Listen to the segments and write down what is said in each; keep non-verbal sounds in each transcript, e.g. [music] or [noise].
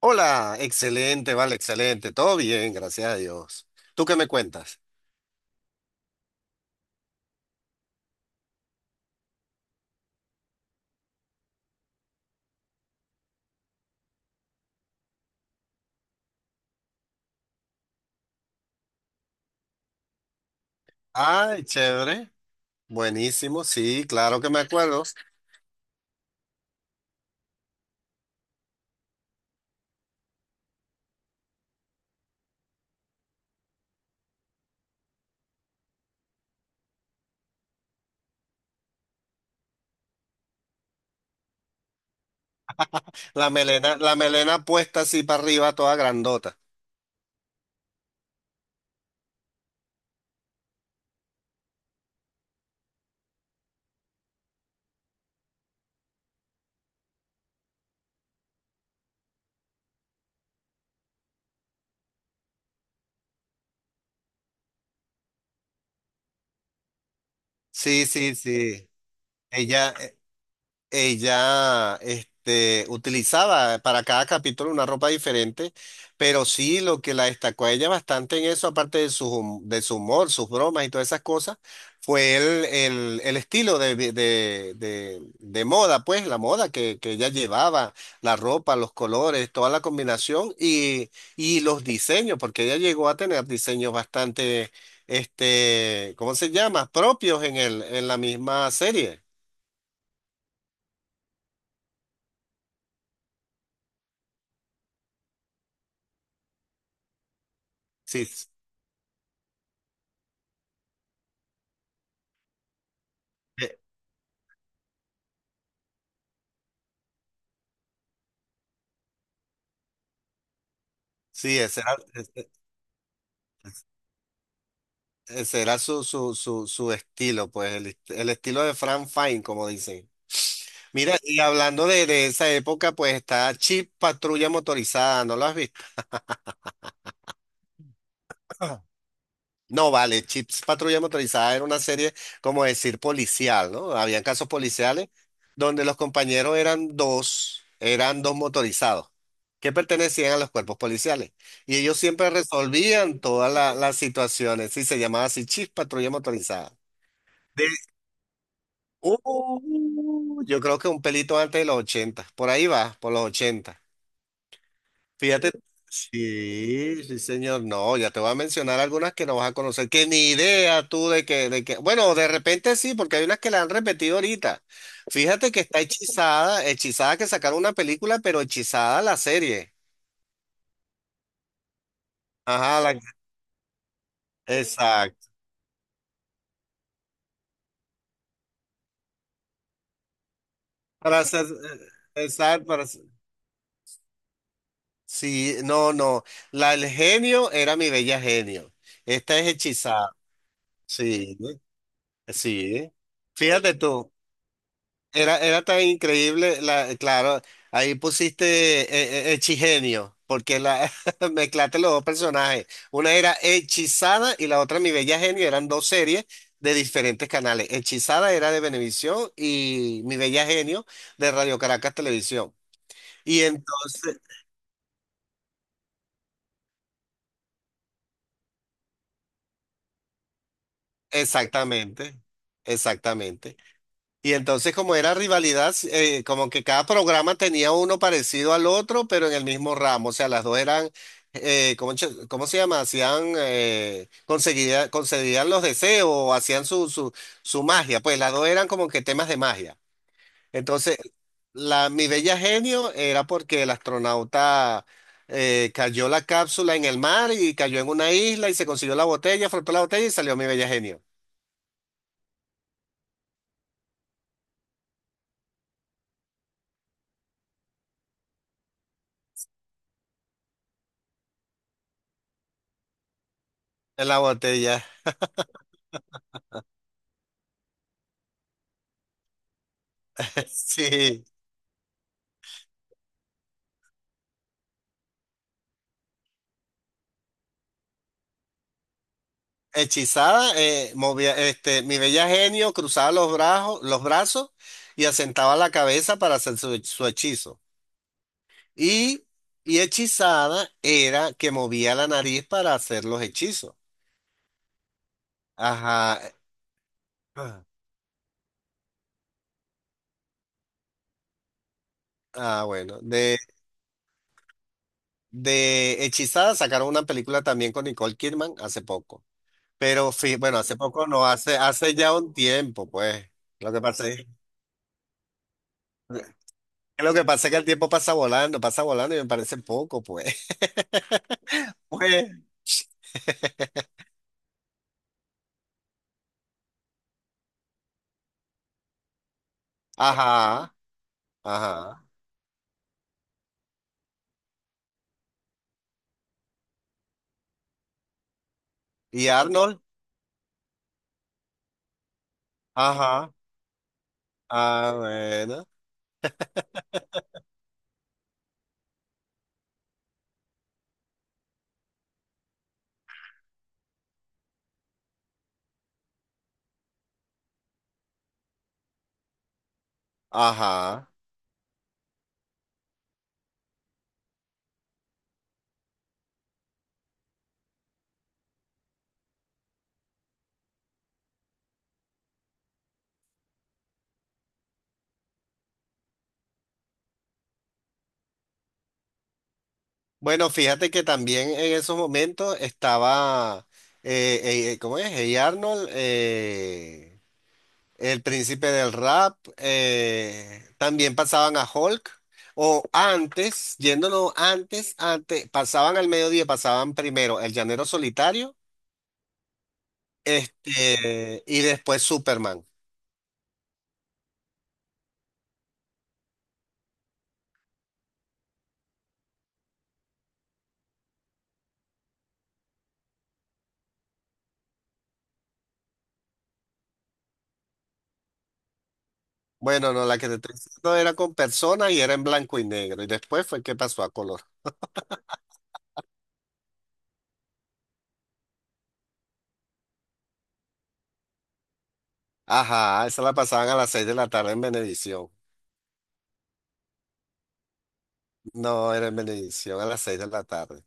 Hola, excelente, vale, excelente. Todo bien, gracias a Dios. ¿Tú qué me cuentas? Ay, chévere. Buenísimo, sí, claro que me acuerdo. La melena puesta así para arriba, toda grandota. Sí, sí, sí. Ella, Ella utilizaba para cada capítulo una ropa diferente, pero sí lo que la destacó a ella bastante en eso, aparte de su humor, sus bromas y todas esas cosas, fue el estilo de, vi- de moda, pues la moda que ella llevaba, la ropa, los colores, toda la combinación y los diseños, porque ella llegó a tener diseños bastante, ¿cómo se llama? Propios en el, en la misma serie. Sí, sí. Sí, ese era su estilo, pues el estilo de Frank Fine, como dicen. Mira, y hablando de esa época, pues está Chip Patrulla Motorizada, ¿no lo has visto? [clears throat] No, vale, Chips Patrulla Motorizada era una serie, como decir, policial, ¿no? Habían casos policiales donde los compañeros eran dos motorizados que pertenecían a los cuerpos policiales. Y ellos siempre resolvían todas las situaciones, sí, se llamaba así Chips Patrulla Motorizada. De yo creo que un pelito antes de los ochenta. Por ahí va, por los ochenta. Fíjate. Sí, sí, señor. No, ya te voy a mencionar algunas que no vas a conocer, que ni idea tú de que, de que. Bueno, de repente sí, porque hay unas que la han repetido ahorita. Fíjate que está Hechizada, Hechizada que sacaron una película, pero Hechizada la serie. Ajá, exacto. Para ser- exacto, sí, no, no. La del genio era mi bella genio. Esta es Hechizada. Sí. ¿No? Sí, fíjate tú, era tan increíble, claro, ahí pusiste hechigenio, porque [laughs] mezclaste los dos personajes. Una era Hechizada y la otra Mi Bella Genio, eran dos series de diferentes canales. Hechizada era de Venevisión y Mi Bella Genio de Radio Caracas Televisión. Y entonces, exactamente, exactamente. Y entonces como era rivalidad, como que cada programa tenía uno parecido al otro, pero en el mismo ramo. O sea, las dos eran, ¿ cómo se llama? Hacían, concedían los deseos, o hacían su magia. Pues las dos eran como que temas de magia. Entonces, mi bella genio era porque el astronauta cayó la cápsula en el mar y cayó en una isla y se consiguió la botella, frotó la botella y salió mi bella genio. En la botella, [laughs] sí. Hechizada, movía, mi bella genio cruzaba los brazos y asentaba la cabeza para hacer su, su hechizo. Y, y hechizada era que movía la nariz para hacer los hechizos. Ajá. Ah, ah, bueno. De Hechizada sacaron una película también con Nicole Kidman hace poco. Pero bueno, hace poco no, hace, hace ya un tiempo, pues. Lo que pasa es, lo que pasa es que el tiempo pasa volando y me parece poco, pues. [laughs] Pues, ajá, ajá. ¿Y Arnold? Ajá. Ah, bueno. Ajá. Bueno, fíjate que también en esos momentos estaba, ¿cómo es? Hey Arnold, el príncipe del rap, también pasaban a Hulk. O antes, yéndonos antes, antes, pasaban al mediodía, pasaban primero El Llanero Solitario, y después Superman. Bueno, no, la que te estoy diciendo era con personas y era en blanco y negro. Y después fue que pasó a color. Ajá, esa la pasaban a las 6 de la tarde en Venevisión. No, era en Venevisión a las 6 de la tarde.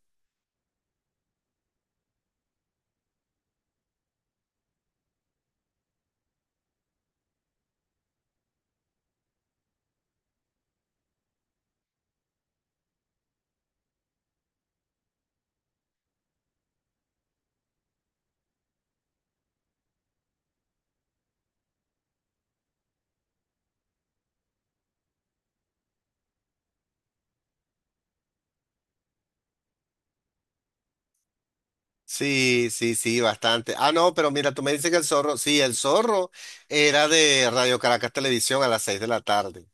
Sí, sí, sí, bastante. Ah, no, pero mira, tú me dices que el zorro, sí, el zorro era de Radio Caracas Televisión a las 6 de la tarde.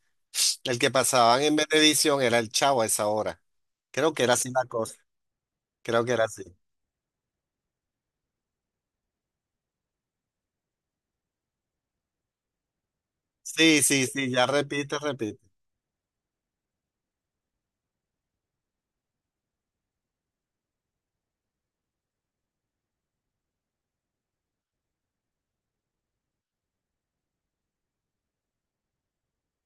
El que pasaban en Venevisión era el Chavo a esa hora. Creo que era así la cosa. Creo que era así. Sí, sí, sí, ya repite, repite.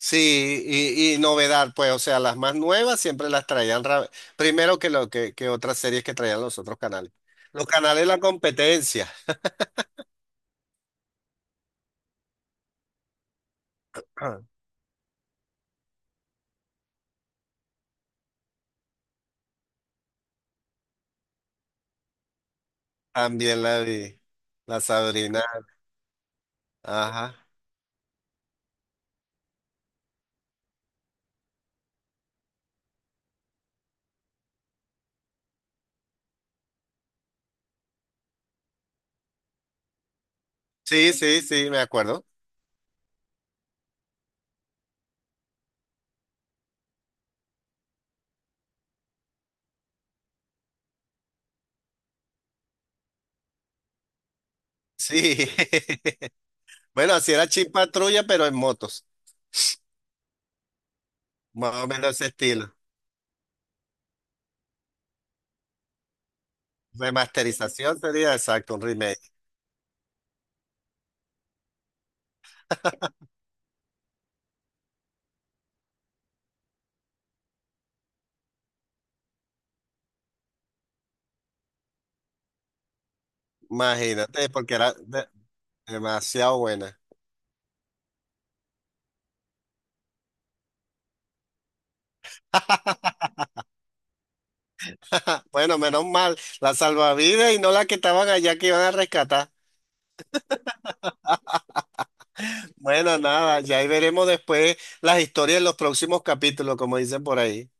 Sí, y novedad, pues, o sea, las más nuevas siempre las traían primero que otras series que traían los otros canales. Los canales de la competencia. Ah. También la vi, la Sabrina, ajá. Sí, sí, sí, me acuerdo. Sí, [laughs] bueno, así era Chip Patrulla, pero en motos, más o menos ese estilo. Remasterización sería exacto, un remake. Imagínate, porque era demasiado buena. [laughs] Bueno, menos mal, la salvavidas y no la que estaban allá que iban a rescatar. Bueno, nada, ya ahí veremos después las historias en los próximos capítulos, como dicen por ahí.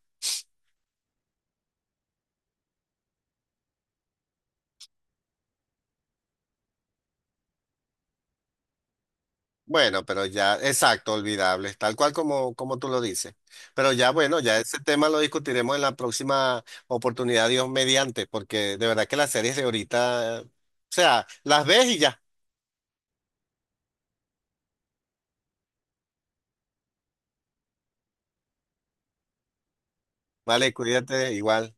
Bueno, pero ya, exacto, olvidables, tal cual como, como tú lo dices. Pero ya, bueno, ya ese tema lo discutiremos en la próxima oportunidad, Dios mediante, porque de verdad que las series de ahorita, o sea, las ves y ya. Vale, cuídate igual.